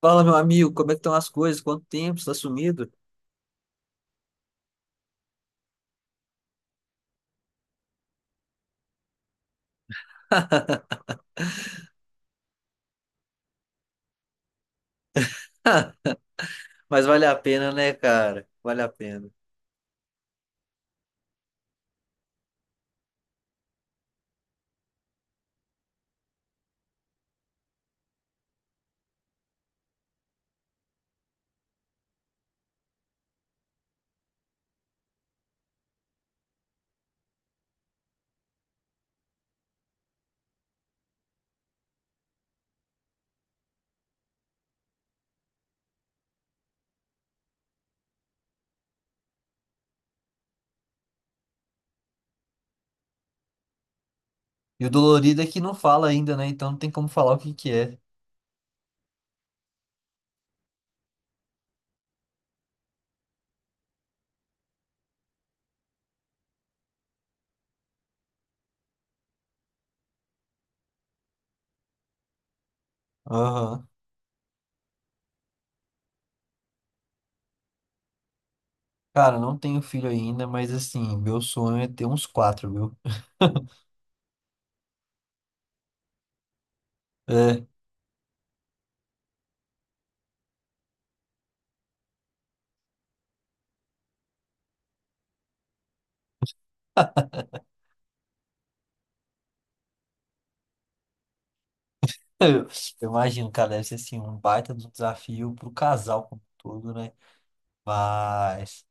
Fala, meu amigo, como é que estão as coisas? Quanto tempo? Você tá sumido? Mas vale a pena, né, cara? Vale a pena. E o dolorido é que não fala ainda, né? Então não tem como falar o que que é. Aham. Cara, não tenho filho ainda, mas assim, meu sonho é ter uns quatro, viu? É. Eu eu imagino, cara, deve ser assim, um baita do desafio pro casal como um todo, né? Mas,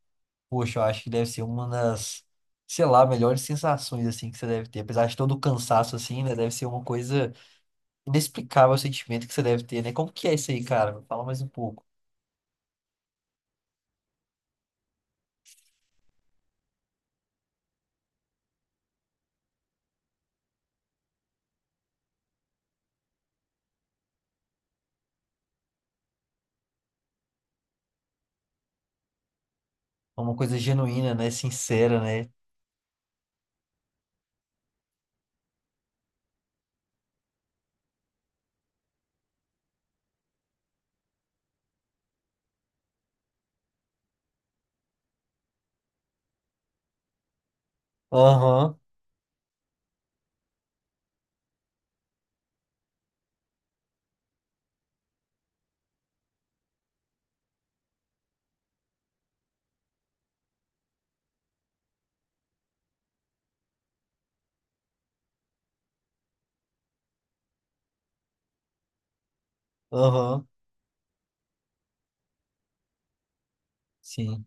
poxa, eu acho que deve ser uma das, sei lá, melhores sensações, assim, que você deve ter. Apesar de todo o cansaço, assim, né? Deve ser uma coisa inexplicável, o sentimento que você deve ter, né? Como que é isso aí, cara? Me fala mais um pouco. É uma coisa genuína, né? Sincera, né? Aham, aham, sim.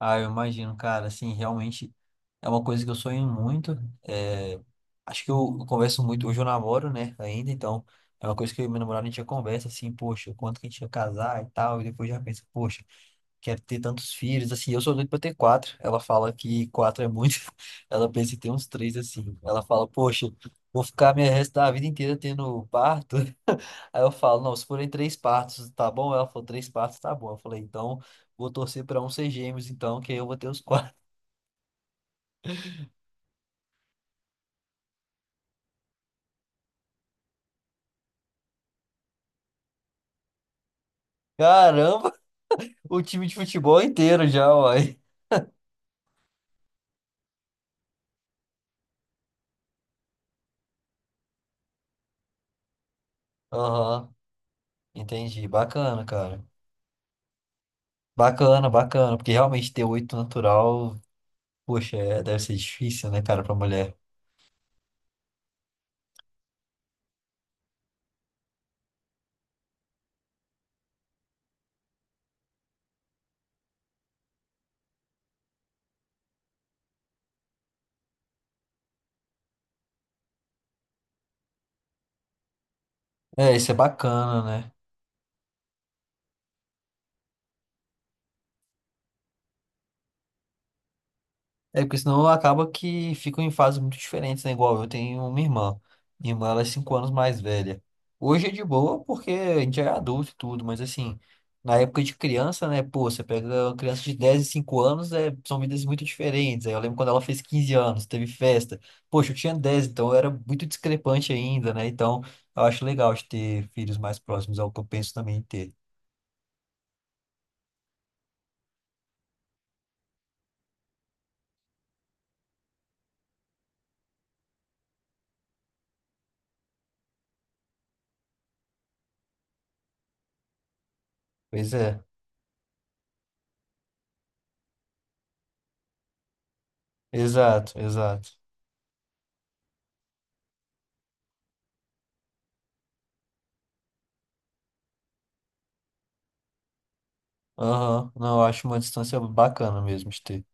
Ah, eu imagino, cara, assim, realmente é uma coisa que eu sonho muito. É, acho que eu converso muito, hoje eu namoro, né, ainda, então é uma coisa que eu e meu namorado a gente já conversa, assim, poxa, quanto que a gente ia casar e tal, e depois já pensa, poxa, quer ter tantos filhos, assim, eu sou doido pra ter quatro. Ela fala que quatro é muito, ela pensa em ter uns três, assim. Ela fala, poxa, vou ficar minha resto da vida inteira tendo parto. Aí eu falo, não, se forem três partos, tá bom? Ela falou, três partos, tá bom. Eu falei, então, vou torcer pra um ser gêmeos, então, que aí eu vou ter os quatro. Caramba, o time de futebol inteiro já, uai. Aham, entendi. Bacana, cara. Bacana, bacana, porque realmente ter oito natural, poxa, é, deve ser difícil, né, cara, pra mulher. É, isso é bacana, né? É porque senão acaba que ficam em fases muito diferentes, né? Igual eu tenho uma irmã. Minha irmã, ela é 5 anos mais velha. Hoje é de boa porque a gente é adulto e tudo, mas assim, na época de criança, né? Pô, você pega uma criança de 10 e 5 anos, é, são vidas muito diferentes. Aí eu lembro quando ela fez 15 anos, teve festa. Poxa, eu tinha 10, então eu era muito discrepante ainda, né? Então, eu acho legal de ter filhos mais próximos, é o que eu penso também em ter. Pois é, exato, exato. Aham. Não, eu acho uma distância bacana mesmo de ter.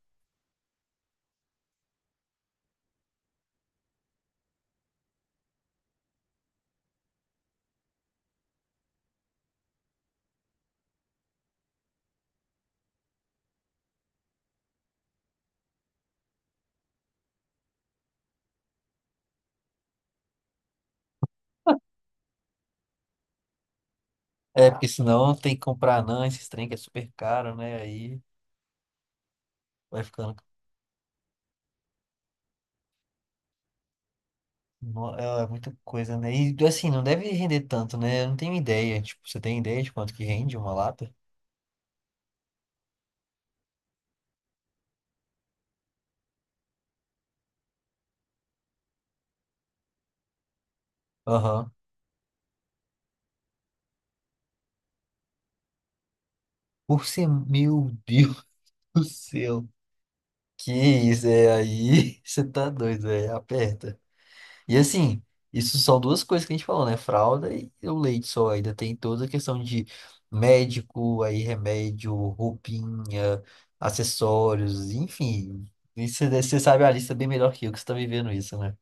É, porque senão tem que comprar anã, esses trem que é super caro, né? Aí vai ficando. É muita coisa, né? E assim, não deve render tanto, né? Eu não tenho ideia. Tipo, você tem ideia de quanto que rende uma lata? Aham. Por ser. Meu Deus do céu. Que isso, é aí? Você tá doido, é. Aperta. E assim, isso são duas coisas que a gente falou, né? Fralda e o leite só. Ainda tem toda a questão de médico, aí remédio, roupinha, acessórios, enfim. Isso você sabe a lista bem melhor que eu, que você tá vivendo isso, né?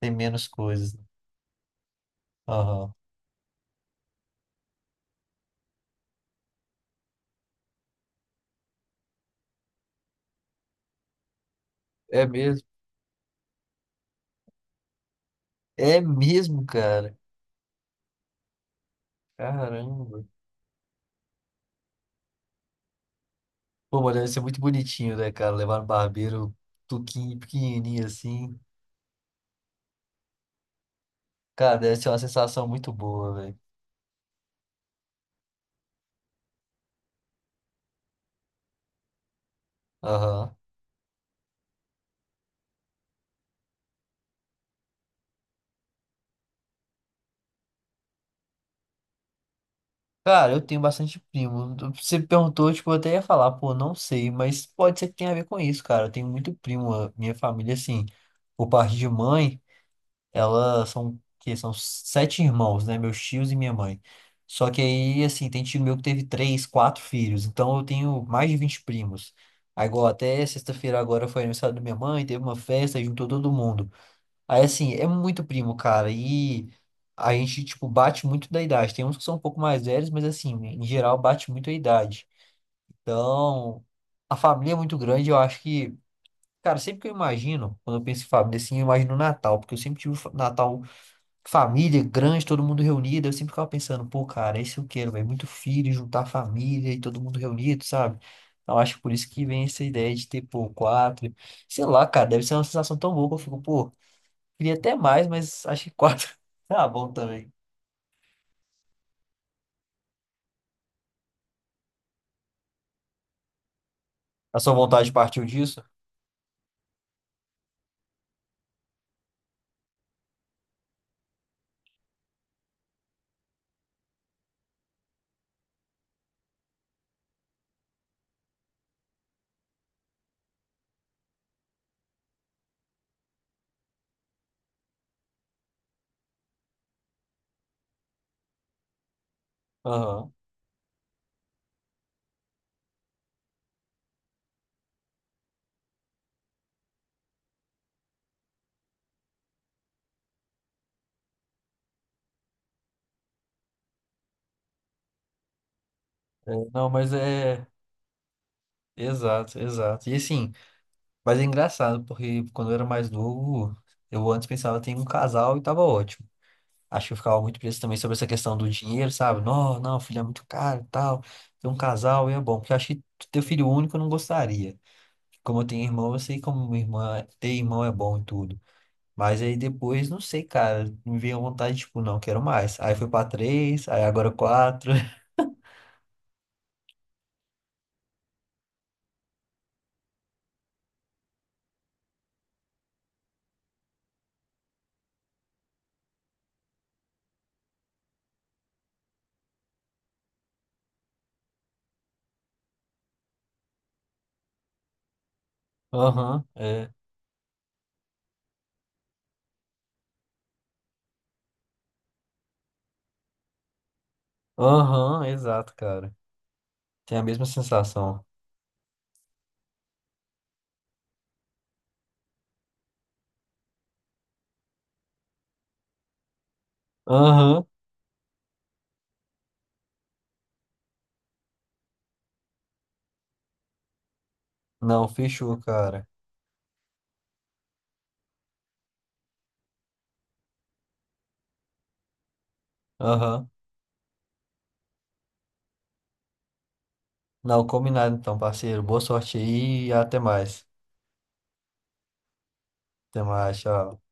Tem menos coisas. Aham. É mesmo? É mesmo, cara. Caramba. Pô, mas deve ser muito bonitinho, né, cara? Levar no barbeiro tuquinho, pequenininho assim. Cara, deve ser uma sensação muito boa, velho. Aham. Cara, eu tenho bastante primo. Você perguntou, tipo, eu até ia falar, pô, não sei, mas pode ser que tenha a ver com isso, cara. Eu tenho muito primo. A minha família, assim, por parte de mãe, elas são, que são sete irmãos, né? Meus tios e minha mãe. Só que aí, assim, tem tio meu que teve três, quatro filhos. Então eu tenho mais de 20 primos. Aí, igual até sexta-feira agora foi aniversário da minha mãe, teve uma festa e juntou todo mundo. Aí, assim, é muito primo, cara. E a gente, tipo, bate muito da idade. Tem uns que são um pouco mais velhos, mas, assim, em geral, bate muito a idade. Então, a família é muito grande. Eu acho que, cara, sempre que eu imagino, quando eu penso em família, assim, eu imagino Natal, porque eu sempre tive Natal, família grande, todo mundo reunido. Eu sempre ficava pensando, pô, cara, isso eu quero, velho. Muito filho, juntar família e todo mundo reunido, sabe? Eu acho que por isso que vem essa ideia de ter, pô, quatro. Sei lá, cara, deve ser uma sensação tão boa que eu fico, pô. Queria até mais, mas acho que quatro tá bom também. A sua vontade partiu disso? Aham. É, não, mas é. Exato, exato. E assim, mas é engraçado, porque quando eu era mais novo, eu antes pensava, tem um casal e tava ótimo. Acho que eu ficava muito preso também sobre essa questão do dinheiro, sabe? Não, não, filho é muito caro e tal. Ter um casal e é bom, porque eu acho que ter filho único eu não gostaria. Como eu tenho irmão, eu sei como minha irmã, ter irmão é bom e tudo. Mas aí depois, não sei, cara, me veio a vontade, tipo, não, quero mais. Aí foi pra três, aí agora quatro. Aham, é. Aham, exato, cara. Tem a mesma sensação. Aham, não, fechou, cara. Aham, não, combinado então, parceiro. Boa sorte aí e até mais. Até mais, tchau.